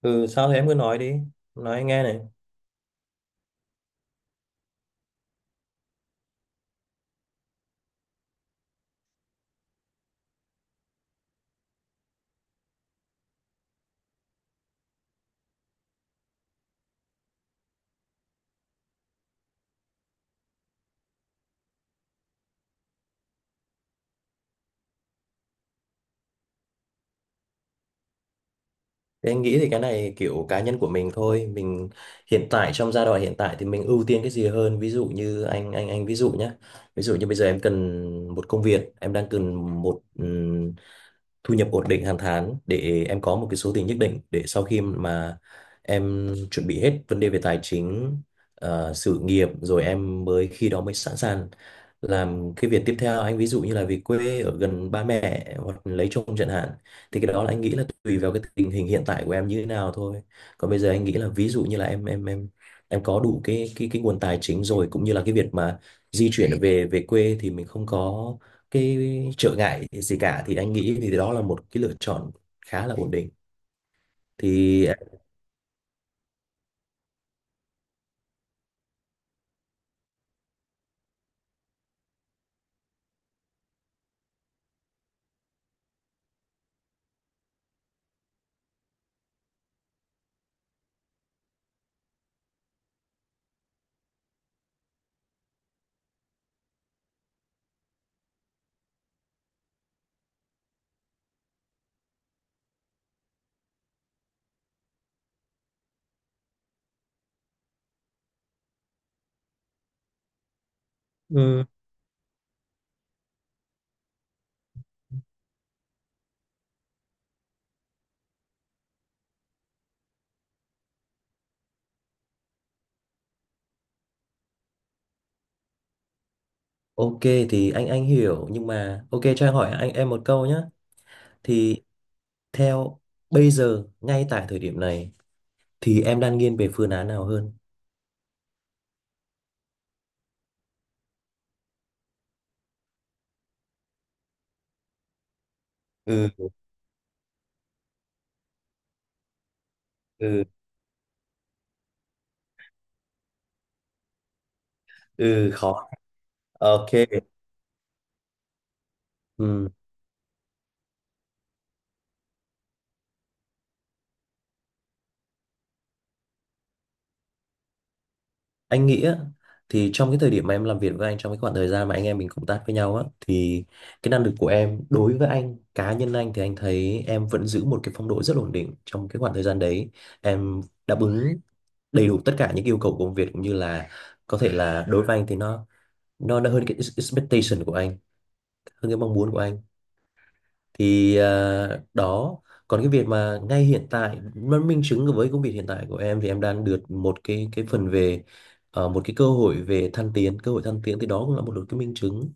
Ừ, sao thế em cứ nói đi, nói anh nghe này. Thì anh nghĩ thì cái này kiểu cá nhân của mình thôi. Mình hiện tại trong giai đoạn hiện tại thì mình ưu tiên cái gì hơn. Ví dụ như anh ví dụ nhé. Ví dụ như bây giờ em cần một công việc, em đang cần một thu nhập ổn định hàng tháng để em có một cái số tiền nhất định để sau khi mà em chuẩn bị hết vấn đề về tài chính, sự nghiệp rồi em mới khi đó mới sẵn sàng làm cái việc tiếp theo. Anh ví dụ như là về quê ở gần ba mẹ hoặc lấy chồng chẳng hạn, thì cái đó là anh nghĩ là tùy vào cái tình hình hiện tại của em như thế nào thôi. Còn bây giờ anh nghĩ là ví dụ như là em em có đủ cái cái nguồn tài chính rồi, cũng như là cái việc mà di chuyển về về quê thì mình không có cái trở ngại gì cả, thì anh nghĩ thì đó là một cái lựa chọn khá là ổn định thì. Ừ. Ok, thì anh hiểu nhưng mà ok cho anh hỏi anh em một câu nhé. Thì theo bây giờ ngay tại thời điểm này thì em đang nghiêng về phương án nào hơn? Ừ. Ừ. Ừ, khó. Ok. Ừ. Anh nghĩ á, thì trong cái thời điểm mà em làm việc với anh, trong cái khoảng thời gian mà anh em mình cộng tác với nhau á, thì cái năng lực của em đối với anh, cá nhân anh thì anh thấy em vẫn giữ một cái phong độ rất ổn định trong cái khoảng thời gian đấy. Em đáp ứng đầy đủ tất cả những yêu cầu của công việc, cũng như là có thể là đối với anh thì nó nó hơn cái expectation của anh, hơn cái mong muốn của anh. Thì à, đó. Còn cái việc mà ngay hiện tại mà minh chứng với công việc hiện tại của em thì em đang được một cái phần về, một cái cơ hội về thăng tiến, cơ hội thăng tiến, thì đó cũng là một cái minh chứng.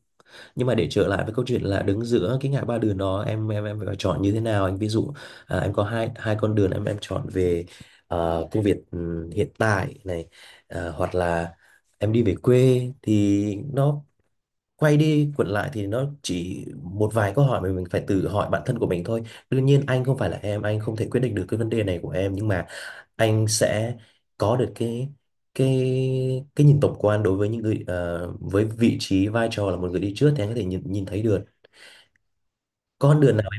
Nhưng mà để trở lại với câu chuyện là đứng giữa cái ngã ba đường đó, em phải chọn như thế nào. Anh ví dụ, à, em có hai hai con đường, em chọn về, công việc hiện tại này, hoặc là em đi về quê, thì nó quay đi quẩn lại thì nó chỉ một vài câu hỏi mà mình phải tự hỏi bản thân của mình thôi. Đương nhiên anh không phải là em, anh không thể quyết định được cái vấn đề này của em, nhưng mà anh sẽ có được cái cái nhìn tổng quan đối với những người, với vị trí vai trò là một người đi trước thì anh có thể nhìn nhìn thấy được con đường nào.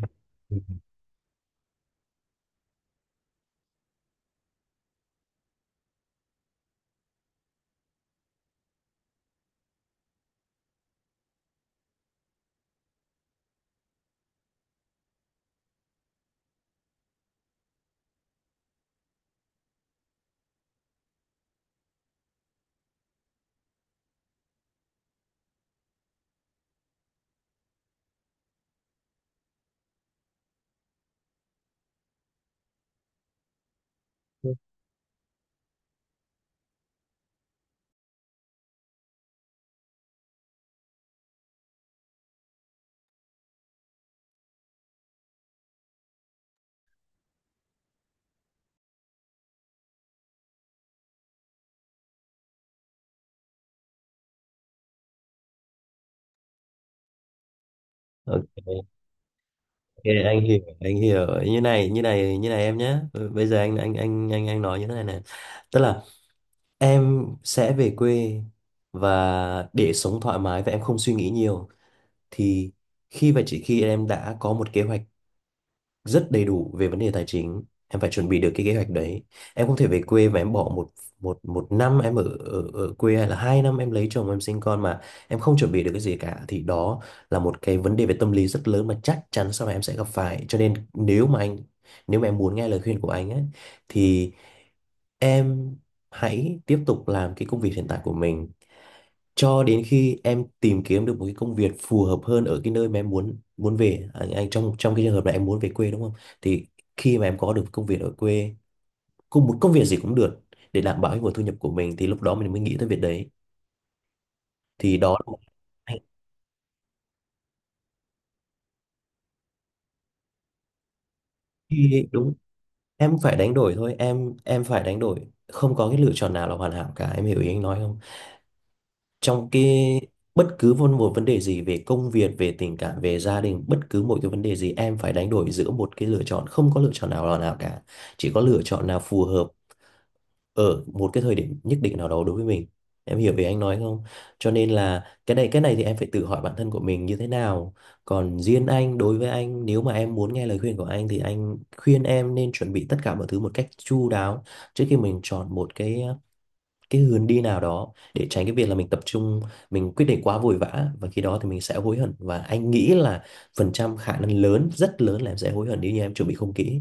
Ok, ok, anh hiểu, anh hiểu. Như này, như này, như này em nhé. Bây giờ anh nói như thế này này. Tức là em sẽ về quê và để sống thoải mái và em không suy nghĩ nhiều thì khi và chỉ khi em đã có một kế hoạch rất đầy đủ về vấn đề tài chính. Em phải chuẩn bị được cái kế hoạch đấy. Em không thể về quê và em bỏ một một một năm em ở, ở quê hay là hai năm em lấy chồng em sinh con mà em không chuẩn bị được cái gì cả, thì đó là một cái vấn đề về tâm lý rất lớn mà chắc chắn sau này em sẽ gặp phải. Cho nên nếu mà nếu mà em muốn nghe lời khuyên của anh ấy thì em hãy tiếp tục làm cái công việc hiện tại của mình cho đến khi em tìm kiếm được một cái công việc phù hợp hơn ở cái nơi mà em muốn muốn về. À, anh trong trong cái trường hợp này em muốn về quê đúng không, thì khi mà em có được công việc ở quê, cùng một công việc gì cũng được, để đảm bảo cái nguồn thu nhập của mình thì lúc đó mình mới nghĩ tới việc đấy. Thì đó là một cái, khi- đúng, em phải đánh đổi thôi, em phải đánh đổi. Không có cái lựa chọn nào là hoàn hảo cả. Em hiểu ý anh nói không? Trong cái bất cứ một, một vấn đề gì về công việc, về tình cảm, về gia đình, bất cứ một cái vấn đề gì em phải đánh đổi giữa một cái lựa chọn, không có lựa chọn nào là nào cả, chỉ có lựa chọn nào phù hợp ở một cái thời điểm nhất định nào đó đối với mình. Em hiểu về anh nói không? Cho nên là cái này thì em phải tự hỏi bản thân của mình như thế nào. Còn riêng anh, đối với anh, nếu mà em muốn nghe lời khuyên của anh thì anh khuyên em nên chuẩn bị tất cả mọi thứ một cách chu đáo trước khi mình chọn một cái hướng đi nào đó, để tránh cái việc là mình tập trung mình quyết định quá vội vã và khi đó thì mình sẽ hối hận. Và anh nghĩ là phần trăm khả năng lớn, rất lớn là em sẽ hối hận nếu như em chuẩn bị không kỹ.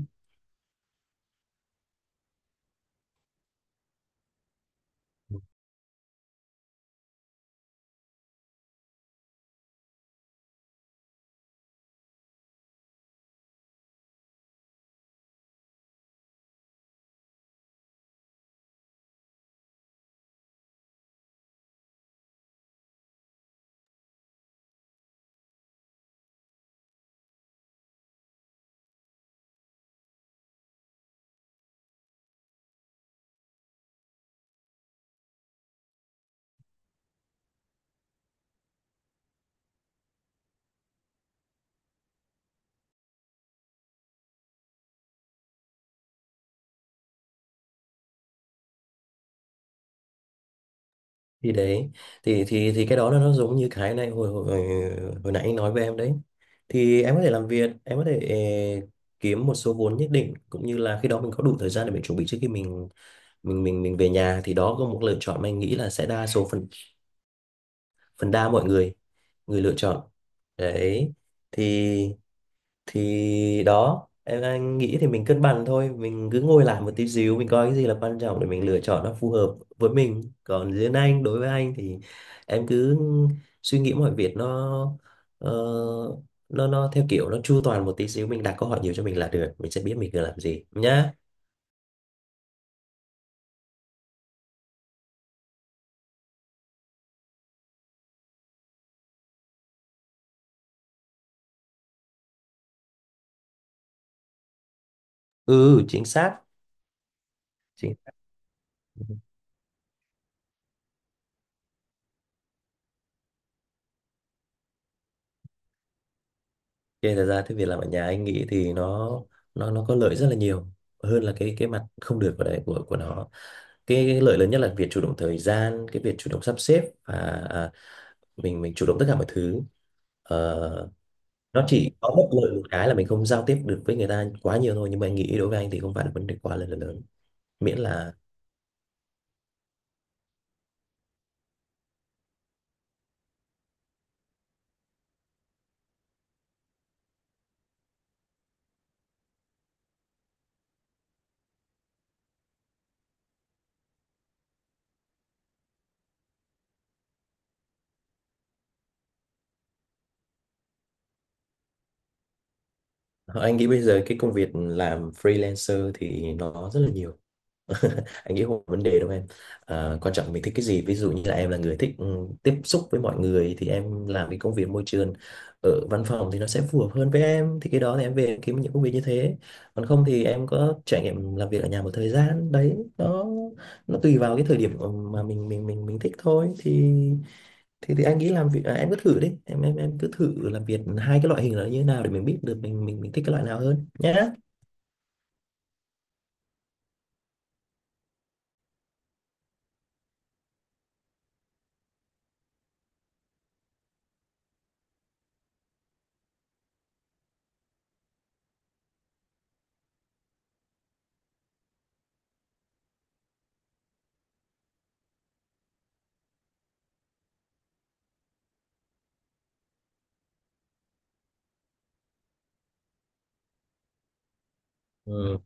Thì đấy, thì cái đó là nó giống như cái này hồi hồi hồi nãy anh nói với em đấy. Thì em có thể làm việc, em có thể kiếm một số vốn nhất định, cũng như là khi đó mình có đủ thời gian để mình chuẩn bị trước khi mình về nhà. Thì đó có một lựa chọn mà anh nghĩ là sẽ đa số phần, phần đa mọi người người lựa chọn đấy. thì thì đó em, anh nghĩ thì mình cân bằng thôi, mình cứ ngồi lại một tí xíu mình coi cái gì là quan trọng để mình lựa chọn nó phù hợp với mình. Còn riêng anh đối với anh thì em cứ suy nghĩ mọi việc nó, ờ, nó theo kiểu nó chu toàn một tí xíu, mình đặt câu hỏi nhiều cho mình là được, mình sẽ biết mình cần làm gì nhá. Ừ, chính xác, chính xác. Thế thật ra cái việc làm ở nhà anh nghĩ thì nó có lợi rất là nhiều hơn là cái mặt không được của đấy của nó. Cái lợi lớn nhất là việc chủ động thời gian, cái việc chủ động sắp xếp và, à, mình chủ động tất cả mọi thứ. Ờ, nó chỉ có bất lợi một cái là mình không giao tiếp được với người ta quá nhiều thôi, nhưng mà anh nghĩ đối với anh thì không phải là vấn đề quá là lớn. Miễn là, anh nghĩ bây giờ cái công việc làm freelancer thì nó rất là nhiều. Anh nghĩ không có vấn đề đâu em. À, quan trọng mình thích cái gì. Ví dụ như là em là người thích tiếp xúc với mọi người thì em làm cái công việc môi trường ở văn phòng thì nó sẽ phù hợp hơn với em, thì cái đó thì em về em kiếm những công việc như thế. Còn không thì em có trải nghiệm làm việc ở nhà một thời gian đấy, nó tùy vào cái thời điểm mà mình thích thôi. Thì anh nghĩ làm việc, à, em cứ thử đi, em em cứ thử làm việc hai cái loại hình là như thế nào để mình biết được mình thích cái loại nào hơn nhé. Ừ.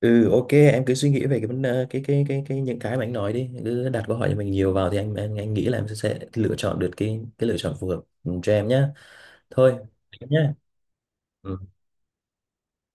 Ừ, ok em cứ suy nghĩ về cái vấn, cái những cái mà anh nói đi, cứ đặt câu hỏi cho mình nhiều vào, thì anh nghĩ là em sẽ lựa chọn được cái lựa chọn phù hợp cho em nhá. Thôi nhé.